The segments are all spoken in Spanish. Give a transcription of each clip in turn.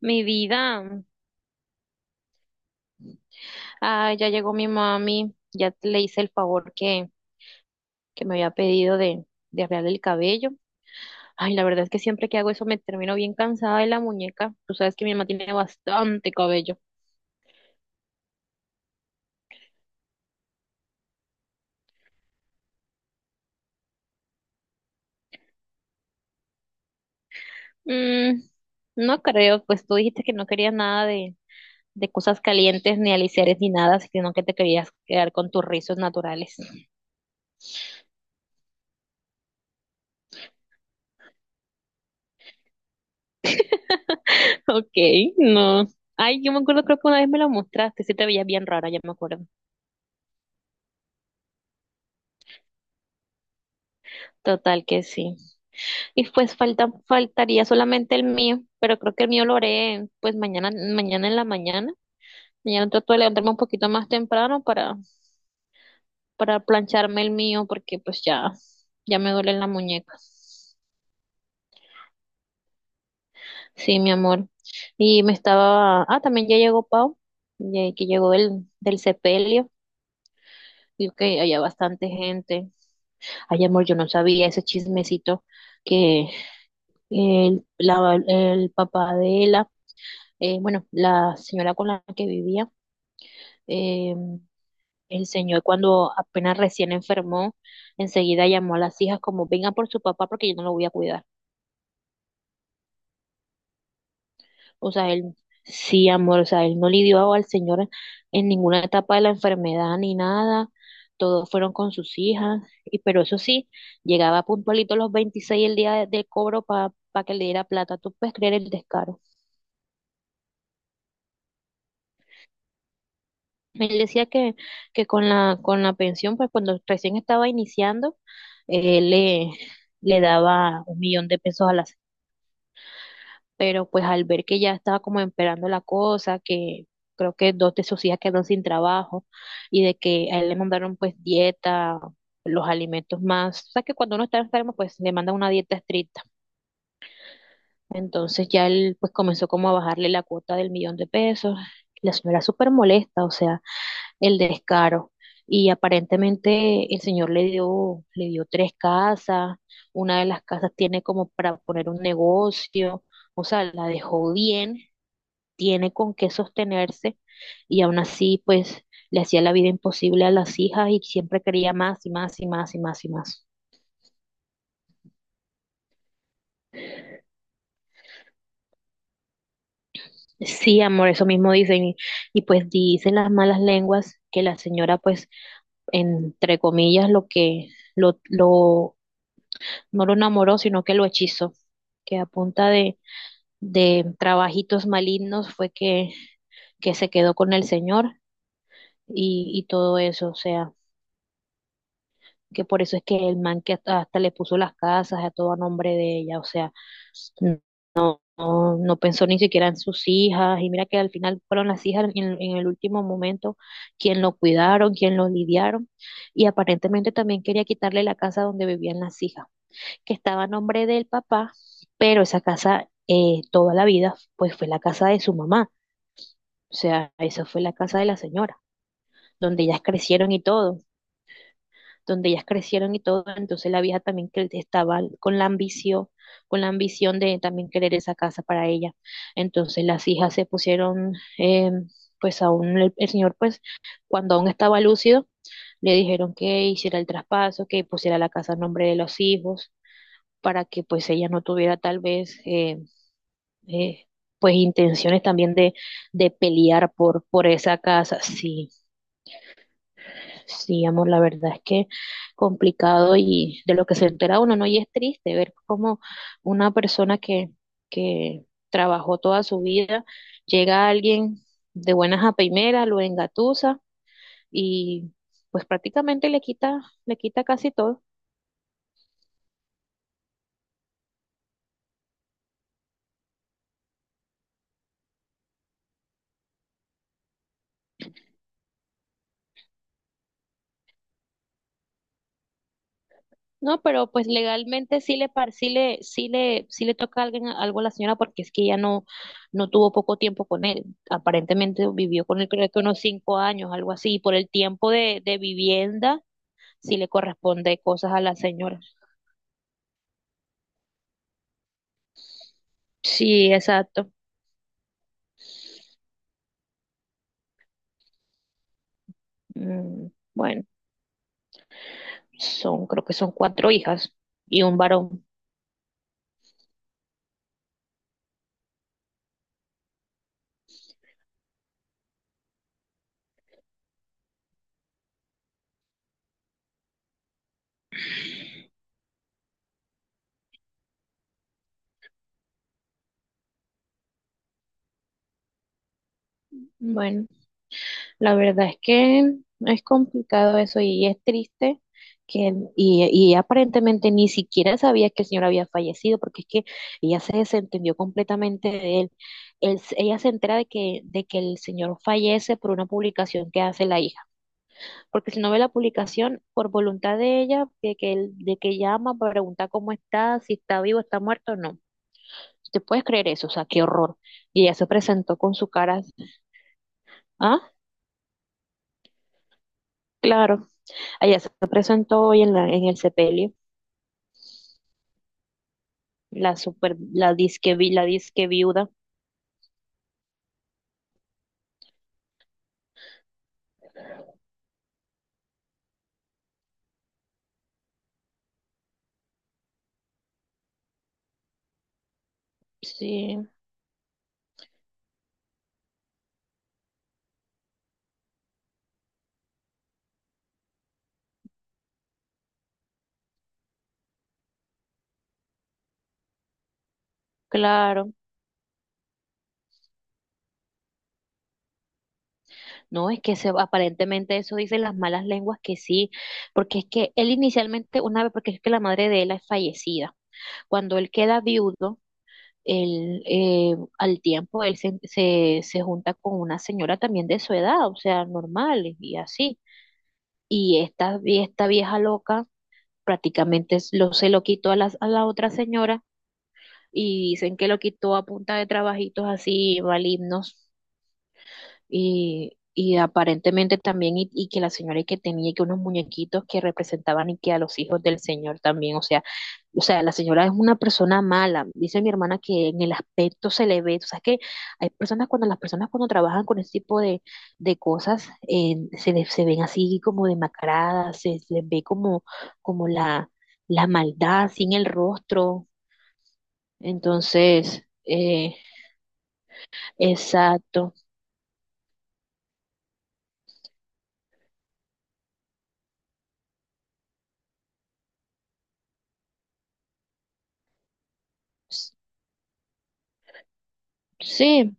Mi vida, ya llegó mi mami, ya le hice el favor que me había pedido de arreglarle el cabello. Ay, la verdad es que siempre que hago eso me termino bien cansada de la muñeca. Tú sabes que mi mamá tiene bastante cabello. Mm, no creo, pues tú dijiste que no querías nada de cosas calientes, ni aliciares, ni nada, sino que te querías quedar con tus rizos naturales. Ok, no. Ay, yo me acuerdo, creo que una vez me lo mostraste, sí te veías bien rara, ya me acuerdo. Total que sí. Y pues faltaría solamente el mío, pero creo que el mío lo haré pues mañana, en la mañana. Mañana trato de levantarme un poquito más temprano para plancharme el mío porque pues ya me duelen las muñecas. Sí, mi amor. Y también ya llegó Pau, ya que llegó del sepelio. Y que había bastante gente. Ay, amor, yo no sabía ese chismecito que el papá bueno, la señora con la que vivía. Eh, el señor cuando apenas recién enfermó, enseguida llamó a las hijas como vengan por su papá porque yo no lo voy a cuidar. O sea, él sí, amor, o sea, él no lidió al señor en ninguna etapa de la enfermedad ni nada. Todos fueron con sus hijas, y pero eso sí, llegaba puntualito los 26 el día del cobro para que le diera plata. ¿Tú puedes creer el descaro? Él decía que con la pensión, pues cuando recién estaba iniciando, él le daba 1 millón de pesos a la semana. Pero pues al ver que ya estaba como empeorando la cosa, que creo que dos de sus hijas quedaron sin trabajo y de que a él le mandaron pues dieta, los alimentos más. O sea que cuando uno está enfermo, pues le mandan una dieta estricta. Entonces ya él pues comenzó como a bajarle la cuota del 1 millón de pesos. La señora súper molesta, o sea. El descaro. Y aparentemente el señor le dio tres casas, una de las casas tiene como para poner un negocio, o sea, la dejó bien, tiene con qué sostenerse y aún así pues le hacía la vida imposible a las hijas y siempre quería más y más y más y más y más. Sí, amor, eso mismo dicen. Y pues dicen las malas lenguas que la señora, pues, entre comillas, lo que lo no lo enamoró, sino que lo hechizó, que a punta de trabajitos malignos fue que se quedó con el señor y todo eso, o sea, que por eso es que el man que hasta le puso las casas a todo a nombre de ella, o sea, no, no pensó ni siquiera en sus hijas, y mira que al final fueron las hijas en el último momento quien lo cuidaron, quien lo lidiaron, y aparentemente también quería quitarle la casa donde vivían las hijas. Que estaba a nombre del papá, pero esa casa toda la vida pues fue la casa de su mamá, o sea, esa fue la casa de la señora, donde ellas crecieron y todo, donde ellas crecieron y todo, entonces la vieja también que estaba con la ambición de también querer esa casa para ella, entonces las hijas se pusieron, pues aún el señor pues cuando aún estaba lúcido, le dijeron que hiciera el traspaso, que pusiera la casa a nombre de los hijos, para que pues ella no tuviera tal vez eh, pues intenciones también de pelear por esa casa. Sí, sí, amor, la verdad es que complicado y de lo que se entera uno, ¿no? Y es triste ver cómo una persona que trabajó toda su vida, llega a alguien de buenas a primeras, lo engatusa y pues prácticamente le quita casi todo. No, pero pues legalmente sí le, par- sí le, sí le, sí le toca a alguien algo a la señora porque es que ella no tuvo poco tiempo con él. Aparentemente vivió con él creo que unos 5 años, algo así. Y por el tiempo de vivienda sí le corresponde cosas a la señora. Sí, exacto. Mm, bueno, creo que son cuatro hijas y un varón. Bueno. La verdad es que es complicado eso y es triste y aparentemente ni siquiera sabía que el señor había fallecido porque es que ella se desentendió completamente de él. Ella se entera de de que el señor fallece por una publicación que hace la hija, porque si no ve la publicación por voluntad de ella, de que él, de que llama para preguntar cómo está, si está vivo, está muerto o no. ¿Te puedes creer eso? O sea, qué horror. Y ella se presentó con su cara, así, ah, claro. Allá se presentó hoy en, la, en el sepelio, la super, la disque, vi- la disque viuda. Sí, claro. No, es que se, aparentemente eso dicen las malas lenguas que sí, porque es que él inicialmente, una vez, porque es que la madre de él es fallecida. Cuando él queda viudo, él, al tiempo él se junta con una señora también de su edad, o sea, normal y así. Y esta, vieja loca prácticamente se lo quitó a la otra señora y dicen que lo quitó a punta de trabajitos así malignos y aparentemente también y que la señora y que tenía que unos muñequitos que representaban y que a los hijos del señor también, o sea, la señora es una persona mala, dice mi hermana que en el aspecto se le ve, o sea, que hay personas cuando las personas cuando trabajan con ese tipo de cosas se ven así como demacradas, se les ve como, como la maldad sin el rostro, entonces. Exacto. S- Sí,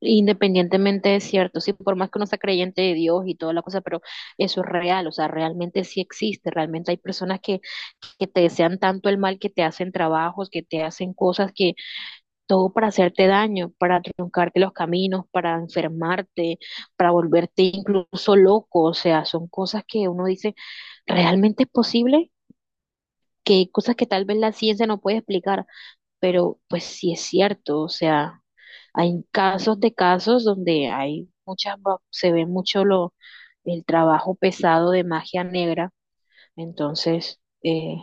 independientemente es cierto, sí, por más que uno sea creyente de Dios y toda la cosa, pero eso es real, o sea, realmente sí existe, realmente hay personas que te desean tanto el mal que te hacen trabajos, que te hacen cosas que todo para hacerte daño, para truncarte los caminos, para enfermarte, para volverte incluso loco, o sea, son cosas que uno dice, ¿realmente es posible? Que hay cosas que tal vez la ciencia no puede explicar, pero pues sí es cierto, o sea. Hay casos de casos donde se ve mucho el trabajo pesado de magia negra, entonces,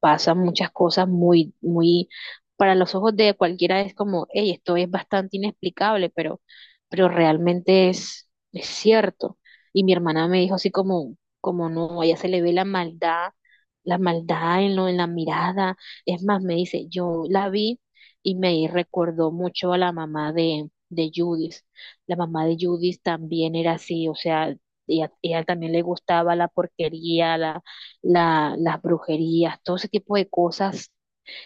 pasan muchas cosas muy, muy, para los ojos de cualquiera es como, hey, esto es bastante inexplicable, pero realmente es cierto. Y mi hermana me dijo así como no, a ella se le ve la maldad, la maldad en la mirada. Es más, me dice, yo la vi y me recordó mucho a la mamá de Judith. La mamá de Judith también era así, o sea, ella también le gustaba la porquería, las brujerías, todo ese tipo de cosas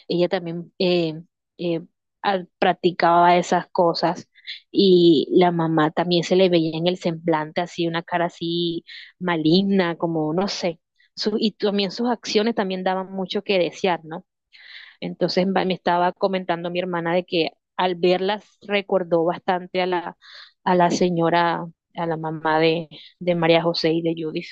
ella también eh, practicaba esas cosas y la mamá también se le veía en el semblante así, una cara así maligna, como no sé. Su- y también sus acciones también daban mucho que desear, ¿no? Entonces me estaba comentando mi hermana de que al verlas recordó bastante a la señora, a la mamá de María José y de Judith.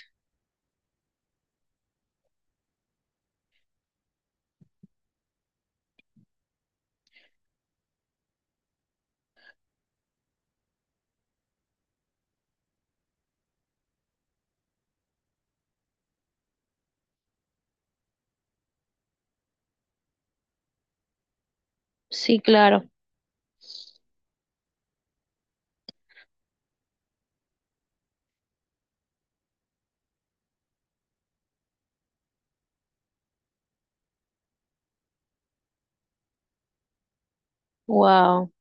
Sí, claro. Wow.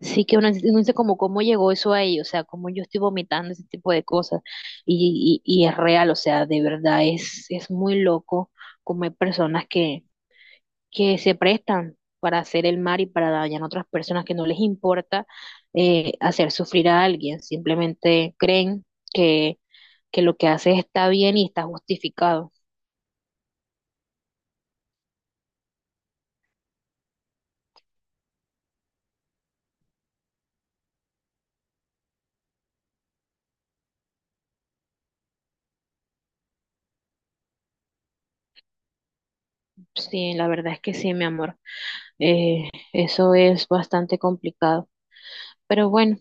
Sí que uno dice como cómo llegó eso ahí, o sea, cómo yo estoy vomitando ese tipo de cosas. Y es real, o sea, de verdad es muy loco como hay personas que se prestan para hacer el mal y para dañar a otras personas que no les importa hacer sufrir a alguien. Simplemente creen que, que lo que haces está bien y está justificado. Sí, la verdad es que sí, mi amor. Eso es bastante complicado. Pero bueno.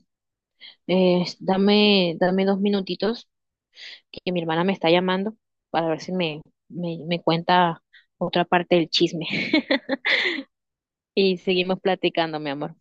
Dame 2 minutitos que mi hermana me está llamando para ver si me cuenta otra parte del chisme y seguimos platicando, mi amor.